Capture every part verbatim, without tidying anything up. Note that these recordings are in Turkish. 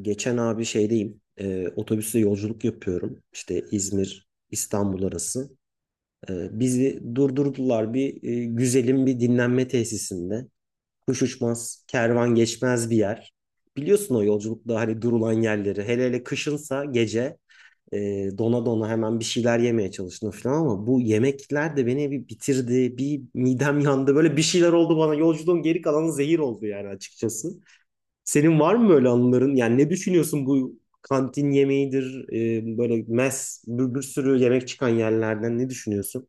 Geçen abi şeydeyim, e, otobüsle yolculuk yapıyorum. İşte İzmir, İstanbul arası. E, bizi durdurdular bir e, güzelim bir dinlenme tesisinde. Kuş uçmaz, kervan geçmez bir yer. Biliyorsun o yolculukta hani durulan yerleri. Hele hele kışınsa gece e, dona dona hemen bir şeyler yemeye çalıştım falan ama bu yemekler de beni bir bitirdi. Bir midem yandı. Böyle bir şeyler oldu bana. Yolculuğun geri kalanı zehir oldu yani açıkçası. Senin var mı böyle anıların? Yani ne düşünüyorsun bu kantin yemeğidir, e, böyle mes, bir, bir sürü yemek çıkan yerlerden ne düşünüyorsun?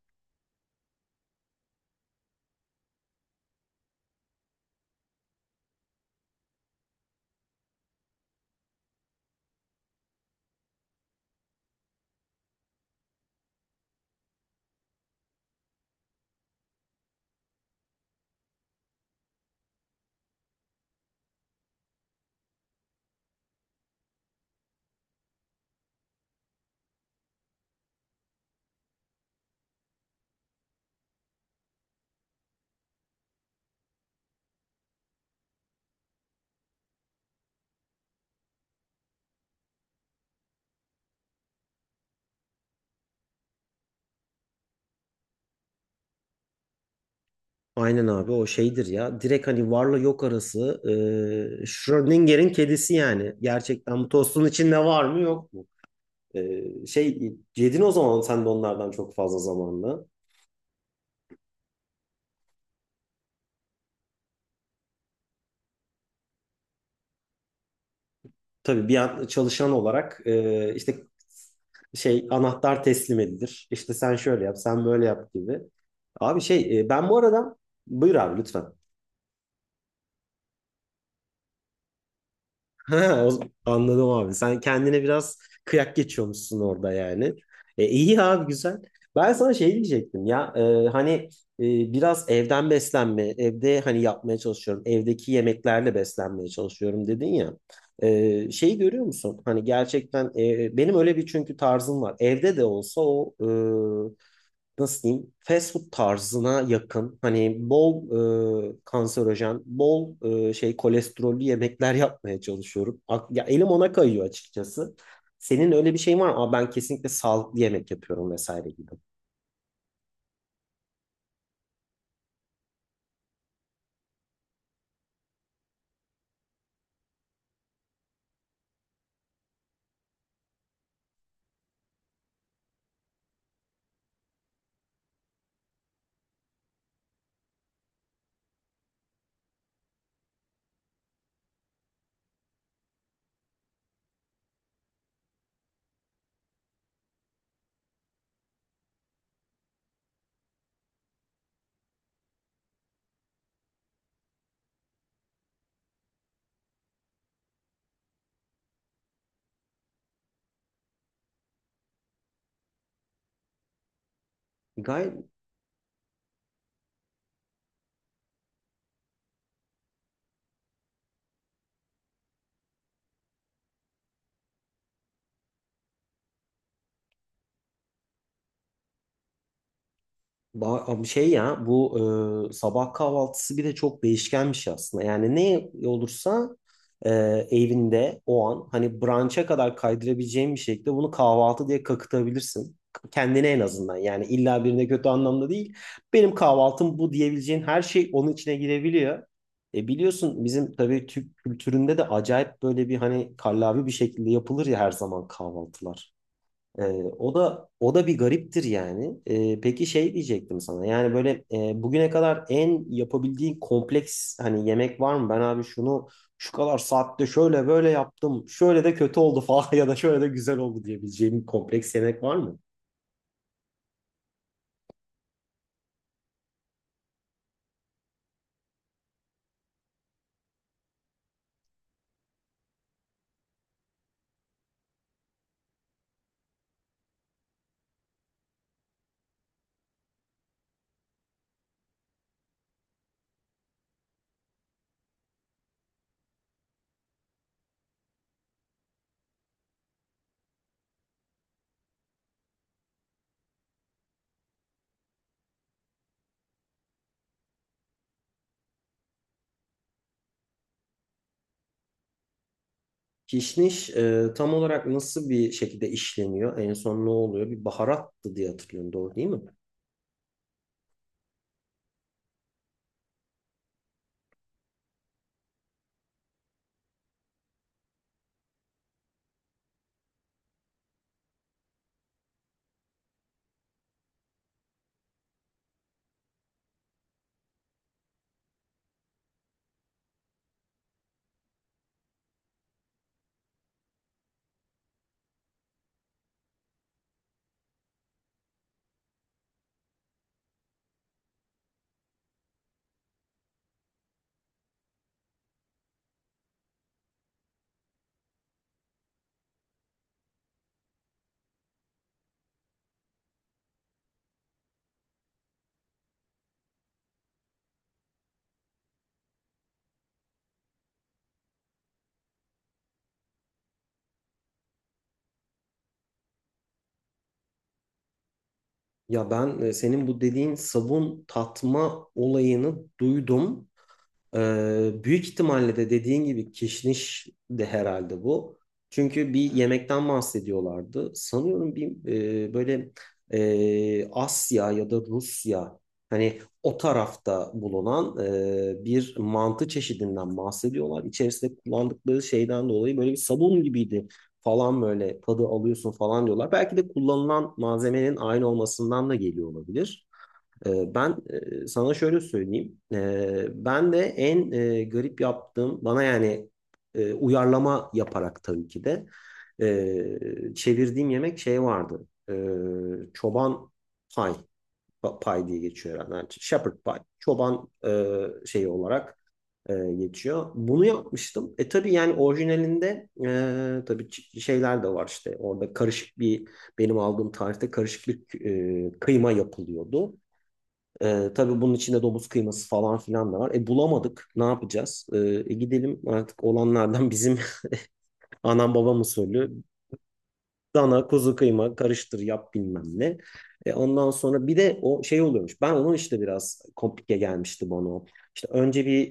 Aynen abi o şeydir ya. Direkt hani varla yok arası. E, Schrödinger'in kedisi yani. Gerçekten bu tostun içinde var mı yok mu? E, şey yedin o zaman sen de onlardan çok fazla zamanla. Tabii bir an çalışan olarak e, işte şey anahtar teslim edilir. İşte sen şöyle yap, sen böyle yap gibi. Abi şey e, ben bu arada buyur abi lütfen. Ha, o- anladım abi. Sen kendine biraz kıyak geçiyormuşsun orada yani. E, iyi abi güzel. Ben sana şey diyecektim ya e, hani e, biraz evden beslenme, evde hani yapmaya çalışıyorum, evdeki yemeklerle beslenmeye çalışıyorum dedin ya. E, şeyi görüyor musun? Hani gerçekten e, benim öyle bir çünkü tarzım var. Evde de olsa o e, nasıl diyeyim fast food tarzına yakın hani bol e, kanserojen, bol e, şey kolesterollü yemekler yapmaya çalışıyorum. Ak- ya elim ona kayıyor açıkçası. Senin öyle bir şeyin var mı? Aa, ben kesinlikle sağlıklı yemek yapıyorum vesaire gibi. Gayet Ba- Abi şey ya bu e, sabah kahvaltısı bir de çok değişkenmiş aslında. Yani ne olursa e, evinde o an hani brunch'a kadar kaydırabileceğin bir şekilde bunu kahvaltı diye kakıtabilirsin. Kendine en azından yani illa birine kötü anlamda değil. Benim kahvaltım bu diyebileceğin her şey onun içine girebiliyor. E biliyorsun bizim tabii Türk kültüründe de acayip böyle bir hani kallavi bir şekilde yapılır ya her zaman kahvaltılar. Ee, O da o da bir gariptir yani. Ee, peki şey diyecektim sana. Yani böyle e, bugüne kadar en yapabildiğin kompleks hani yemek var mı? Ben abi şunu şu kadar saatte şöyle böyle yaptım. Şöyle de kötü oldu falan ya da şöyle de güzel oldu diyebileceğim bir kompleks yemek var mı? Kişniş e, tam olarak nasıl bir şekilde işleniyor? En son ne oluyor? Bir baharattı diye hatırlıyorum. Doğru değil mi? Ya ben e, senin bu dediğin sabun tatma olayını duydum. Ee, büyük ihtimalle de dediğin gibi kişniş de herhalde bu. Çünkü bir yemekten bahsediyorlardı. Sanıyorum bir e, böyle e, Asya ya da Rusya hani o tarafta bulunan e, bir mantı çeşidinden bahsediyorlar. İçerisinde kullandıkları şeyden dolayı böyle bir sabun gibiydi falan böyle tadı alıyorsun falan diyorlar. Belki de kullanılan malzemenin aynı olmasından da geliyor olabilir. Ee, Ben e, sana şöyle söyleyeyim. Ee, Ben de en e, garip yaptığım bana yani e, uyarlama yaparak tabii ki de e, çevirdiğim yemek şey vardı. Ee, Çoban pay pa- pay diye geçiyor herhalde. Yani shepherd pie. Çoban e, şeyi olarak e, geçiyor. Bunu yapmıştım. E tabii yani orijinalinde e, tabii ç- şeyler de var işte. Orada karışık bir benim aldığım tarihte karışık bir e, kıyma yapılıyordu. Ee, tabii bunun içinde domuz kıyması falan filan da var. E bulamadık. Ne yapacağız? Ee, e, gidelim artık olanlardan bizim anam babam usulü Dana, kuzu kıyma karıştır yap bilmem ne. E ondan sonra bir de o şey oluyormuş. Ben onun işte biraz komplike gelmişti bana. O. İşte önce bir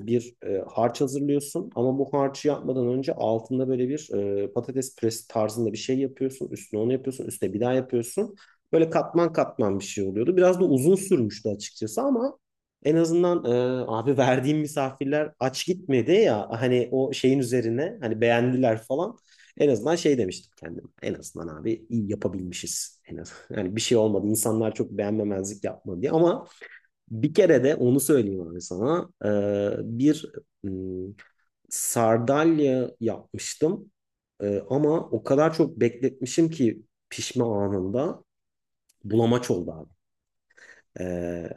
e, bir e, harç hazırlıyorsun ama bu harcı yapmadan önce altında böyle bir e, patates püresi tarzında bir şey yapıyorsun. Üstüne onu yapıyorsun, üstüne bir daha yapıyorsun. Böyle katman katman bir şey oluyordu. Biraz da uzun sürmüştü açıkçası ama en azından e, abi verdiğim misafirler aç gitmedi ya hani o şeyin üzerine hani beğendiler falan. En azından şey demiştim kendime. En azından abi iyi yapabilmişiz. En az, yani bir şey olmadı. İnsanlar çok beğenmemezlik yapmadı diye. Ama bir kere de onu söyleyeyim abi sana. Ee, bir ım, sardalya yapmıştım. Ee, ama o kadar çok bekletmişim ki pişme anında bulamaç oldu abi. Ee,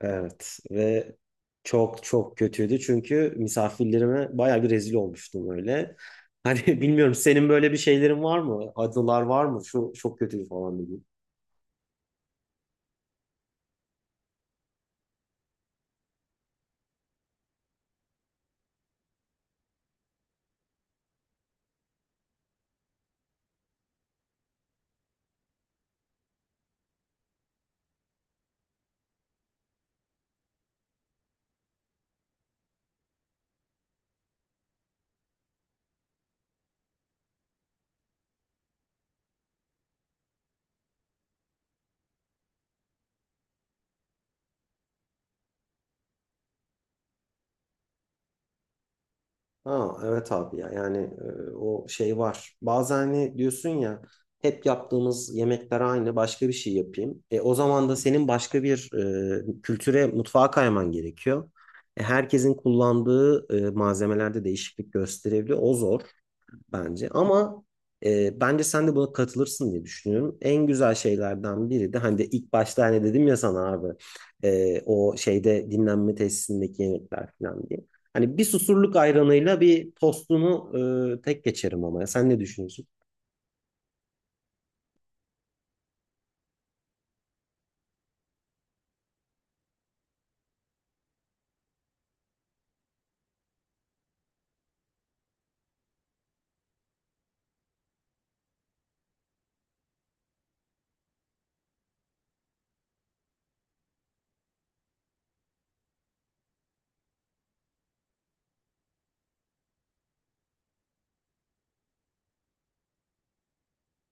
Evet ve çok çok kötüydü çünkü misafirlerime bayağı bir rezil olmuştum öyle. Hani bilmiyorum senin böyle bir şeylerin var mı? Adılar var mı? Şu çok kötü falan dedim. Ha evet abi ya yani e, o şey var. Bazen hani diyorsun ya hep yaptığımız yemekler aynı başka bir şey yapayım. E, o zaman da senin başka bir e, kültüre mutfağa kayman gerekiyor. E, herkesin kullandığı e, malzemelerde değişiklik gösterebiliyor. O zor bence. Ama e, bence sen de buna katılırsın diye düşünüyorum. En güzel şeylerden biri de hani de ilk başta hani dedim ya sana abi e, o şeyde dinlenme tesisindeki yemekler falan diye. Hani bir susurluk ayranıyla bir tostunu e, tek geçerim ama ya. Sen ne düşünüyorsun?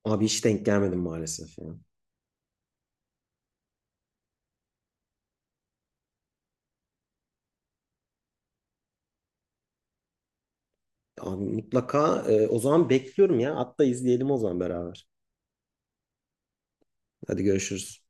Abi hiç denk gelmedim maalesef ya. Abi mutlaka e, o zaman bekliyorum ya. Hatta izleyelim o zaman beraber. Hadi görüşürüz.